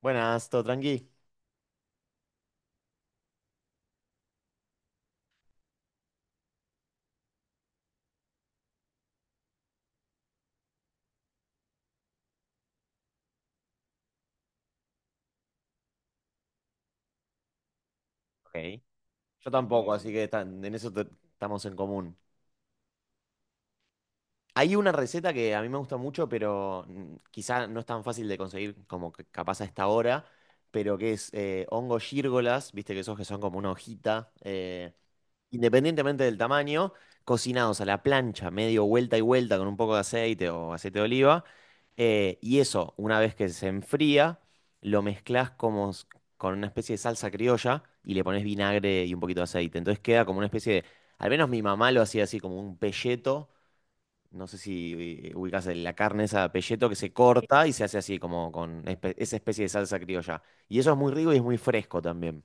Buenas, ¿todo tranqui? Ok. Yo tampoco, así que en eso estamos en común. Hay una receta que a mí me gusta mucho, pero quizá no es tan fácil de conseguir como que capaz a esta hora, pero que es hongos gírgolas, viste, que esos que son como una hojita. Independientemente del tamaño, cocinados a la plancha, medio vuelta y vuelta con un poco de aceite o aceite de oliva. Y eso, una vez que se enfría, lo mezclas con una especie de salsa criolla y le pones vinagre y un poquito de aceite. Entonces queda como una especie de, al menos mi mamá lo hacía así, como un pelleto. No sé si ubicas la carne esa, pelleto, que se corta y se hace así como con esa especie de salsa criolla. Y eso es muy rico y es muy fresco también.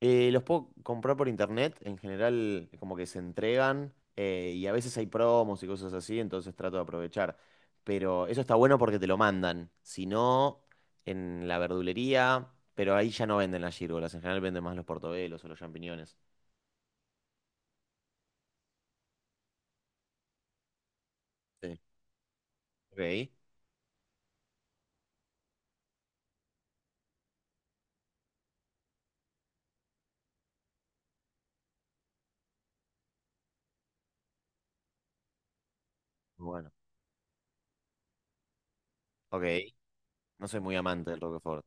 Los puedo comprar por internet, en general como que se entregan, y a veces hay promos y cosas así, entonces trato de aprovechar. Pero eso está bueno porque te lo mandan, si no, en la verdulería, pero ahí ya no venden las gírgolas, en general venden más los portobelos o los champiñones. Sí. Ok, bueno, ok, no soy muy amante del Roquefort.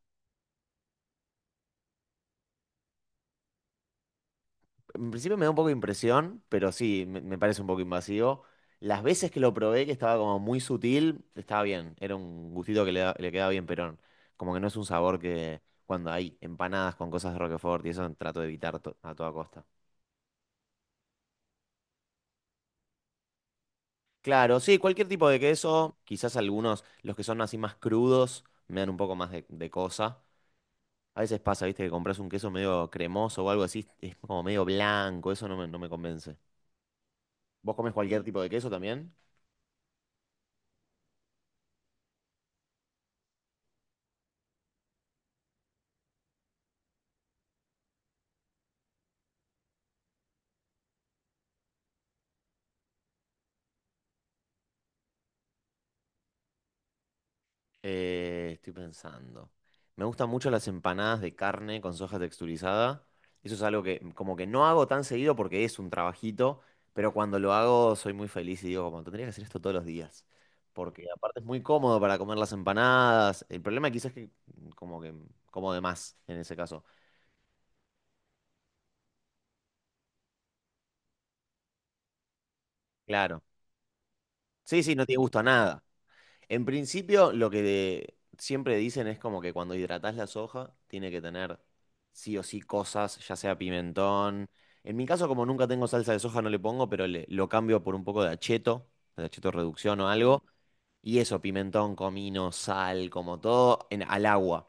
En principio me da un poco de impresión, pero sí, me parece un poco invasivo. Las veces que lo probé, que estaba como muy sutil, estaba bien. Era un gustito que le, le quedaba bien, pero como que no es un sabor. Que cuando hay empanadas con cosas de Roquefort y eso, trato de evitar a toda costa. Claro, sí, cualquier tipo de queso, quizás algunos, los que son así más crudos, me dan un poco más de cosa. A veces pasa, viste, que compras un queso medio cremoso o algo así, es como medio blanco, eso no me, no me convence. ¿Vos comés cualquier tipo de queso también? Estoy pensando. Me gustan mucho las empanadas de carne con soja texturizada. Eso es algo que como que no hago tan seguido porque es un trabajito, pero cuando lo hago soy muy feliz y digo, como tendría que hacer esto todos los días. Porque aparte es muy cómodo para comer las empanadas. El problema quizás es que como de más en ese caso. Claro. Sí, sí, no tiene gusto a nada. En principio, lo que siempre dicen es como que cuando hidratás la soja, tiene que tener sí o sí cosas, ya sea pimentón. En mi caso, como nunca tengo salsa de soja, no le pongo, pero lo cambio por un poco de acheto reducción o algo. Y eso, pimentón, comino, sal, como todo, en, al agua.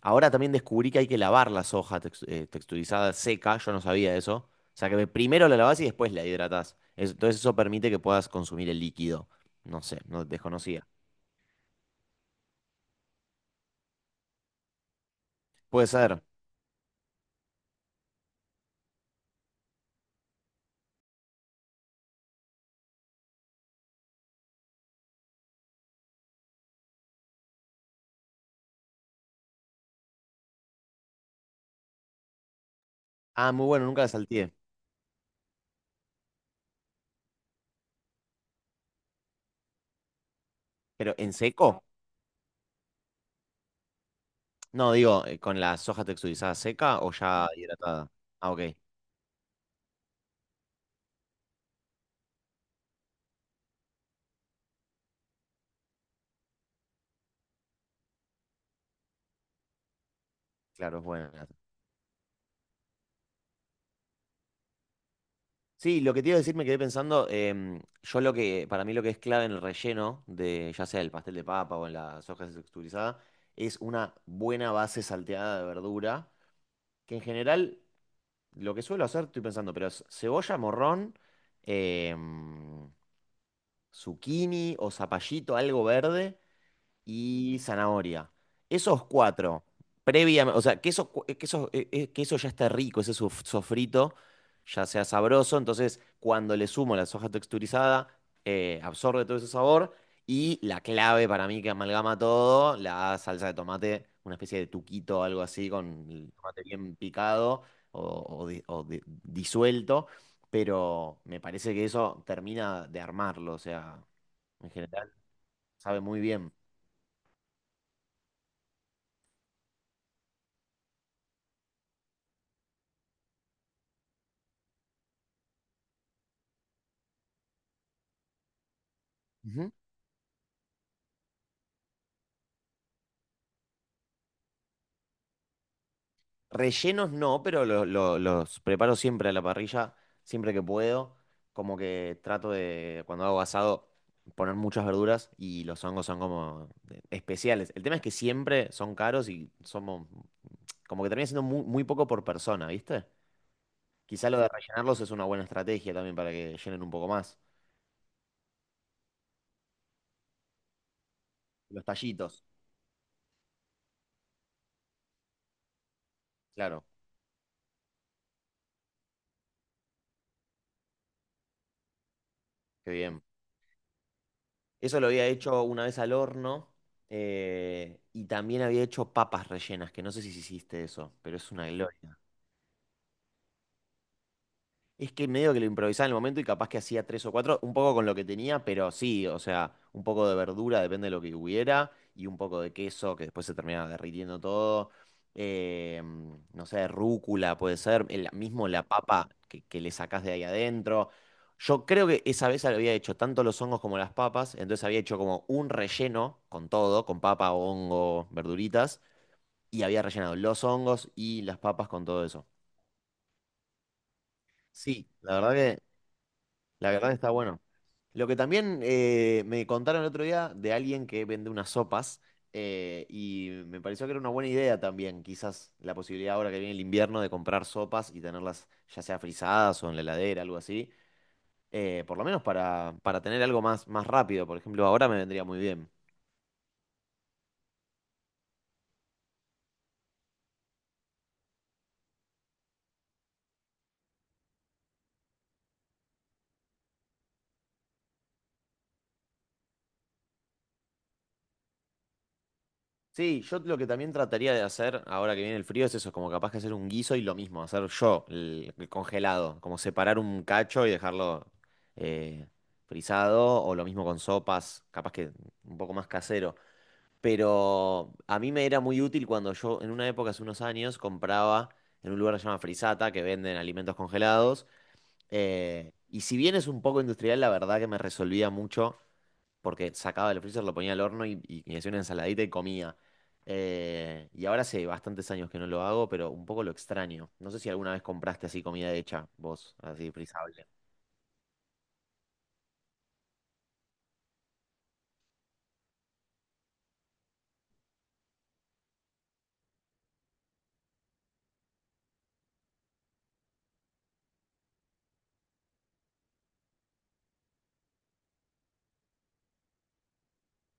Ahora también descubrí que hay que lavar la soja texturizada seca, yo no sabía eso. O sea que primero la lavás y después la hidratás. Entonces eso permite que puedas consumir el líquido. No sé, no desconocía. Puede ser. Ah, muy bueno, nunca la salteé. ¿Pero en seco? No, digo, ¿con la soja texturizada seca o ya hidratada? Ah, ok, claro, es buena. Sí, lo que te iba a decir, me quedé pensando, yo lo que, para mí lo que es clave en el relleno de, ya sea el pastel de papa o en la soja texturizada, es una buena base salteada de verdura, que en general, lo que suelo hacer, estoy pensando, pero es cebolla, morrón, em, zucchini o zapallito, algo verde y zanahoria. Esos cuatro, previamente, o sea, que eso, que eso, que eso ya está rico, ese sofrito ya sea sabroso, entonces cuando le sumo la soja texturizada, absorbe todo ese sabor. Y la clave para mí que amalgama todo, la salsa de tomate, una especie de tuquito o algo así, con el tomate bien picado o, disuelto, pero me parece que eso termina de armarlo, o sea, en general sabe muy bien. Ujú. Rellenos no, pero los preparo siempre a la parrilla, siempre que puedo. Como que trato de, cuando hago asado, poner muchas verduras, y los hongos son como especiales. El tema es que siempre son caros y somos, como que termina siendo muy, muy poco por persona, ¿viste? Quizá lo de rellenarlos es una buena estrategia también para que llenen un poco más. Los tallitos, claro, qué bien. Eso lo había hecho una vez al horno, y también había hecho papas rellenas, que no sé si hiciste eso, pero es una gloria. Es que medio que lo improvisaba en el momento y capaz que hacía tres o cuatro, un poco con lo que tenía, pero sí, o sea, un poco de verdura, depende de lo que hubiera, y un poco de queso, que después se terminaba derritiendo todo. eh, no sé, rúcula puede ser, el, mismo la papa que le sacás de ahí adentro. Yo creo que esa vez había hecho tanto los hongos como las papas, entonces había hecho como un relleno con todo, con papa, hongo, verduritas, y había rellenado los hongos y las papas con todo eso. Sí, la verdad. La verdad está bueno. Lo que también me contaron el otro día de alguien que vende unas sopas, y me pareció que era una buena idea también, quizás la posibilidad ahora que viene el invierno de comprar sopas y tenerlas ya sea frisadas o en la heladera, algo así, por lo menos para tener algo más, más rápido, por ejemplo, ahora me vendría muy bien. Sí, yo lo que también trataría de hacer ahora que viene el frío es eso, como capaz que hacer un guiso y lo mismo, hacer yo el congelado, como separar un cacho y dejarlo eh, frisado, o lo mismo con sopas, capaz que un poco más casero. Pero a mí me era muy útil cuando yo, en una época, hace unos años, compraba en un lugar que se llama Frisata, que venden alimentos congelados. Y si bien es un poco industrial, la verdad que me resolvía mucho porque sacaba del freezer, lo ponía al horno y me hacía una ensaladita y comía. Y ahora hace bastantes años que no lo hago, pero un poco lo extraño. No sé si alguna vez compraste así comida hecha, vos, así frizable.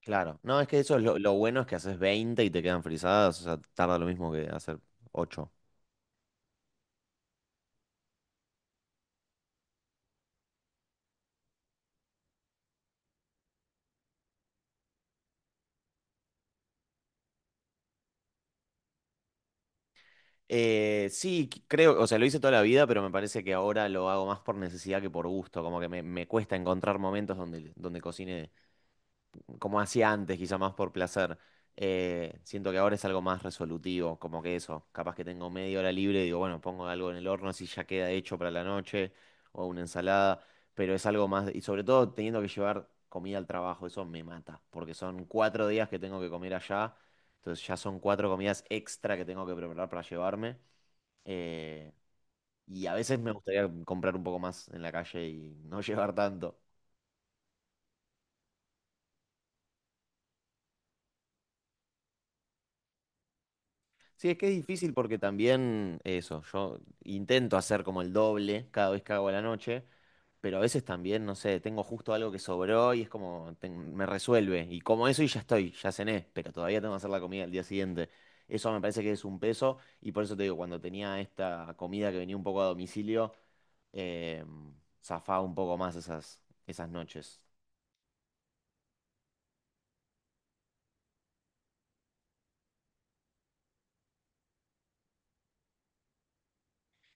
Claro, no, es que eso es lo bueno es que haces 20 y te quedan frizadas, o sea, tarda lo mismo que hacer 8. Sí, creo, o sea, lo hice toda la vida, pero me parece que ahora lo hago más por necesidad que por gusto, como que me cuesta encontrar momentos donde, donde cocine como hacía antes, quizá más por placer. Siento que ahora es algo más resolutivo, como que eso, capaz que tengo media hora libre y digo, bueno, pongo algo en el horno si ya queda hecho para la noche, o una ensalada, pero es algo más, y sobre todo teniendo que llevar comida al trabajo, eso me mata, porque son cuatro días que tengo que comer allá, entonces ya son cuatro comidas extra que tengo que preparar para llevarme, eh, y a veces me gustaría comprar un poco más en la calle y no llevar tanto. Sí, es que es difícil porque también eso, yo intento hacer como el doble cada vez que hago a la noche, pero a veces también, no sé, tengo justo algo que sobró y es como me resuelve. Y como eso y ya estoy, ya cené, pero todavía tengo que hacer la comida al día siguiente. Eso me parece que es un peso y por eso te digo, cuando tenía esta comida que venía un poco a domicilio, eh, zafaba un poco más esas, esas noches.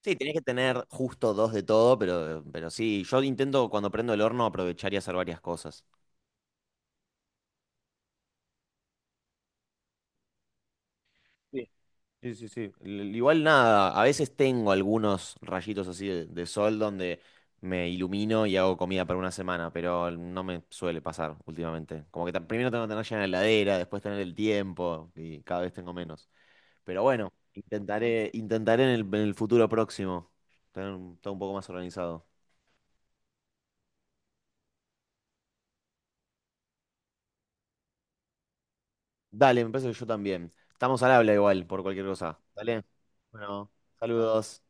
Sí, tenés que tener justo dos de todo, pero sí, yo intento cuando prendo el horno aprovechar y hacer varias cosas. Sí, sí, sí. Igual nada, a veces tengo algunos rayitos así de sol donde me ilumino y hago comida para una semana, pero no me suele pasar últimamente. Como que primero tengo que tener llena la heladera, después tener el tiempo y cada vez tengo menos. Pero bueno, intentaré, intentaré en el futuro próximo tener todo un poco más organizado. Dale, me parece que yo también. Estamos al habla igual por cualquier cosa. Dale. Bueno, saludos.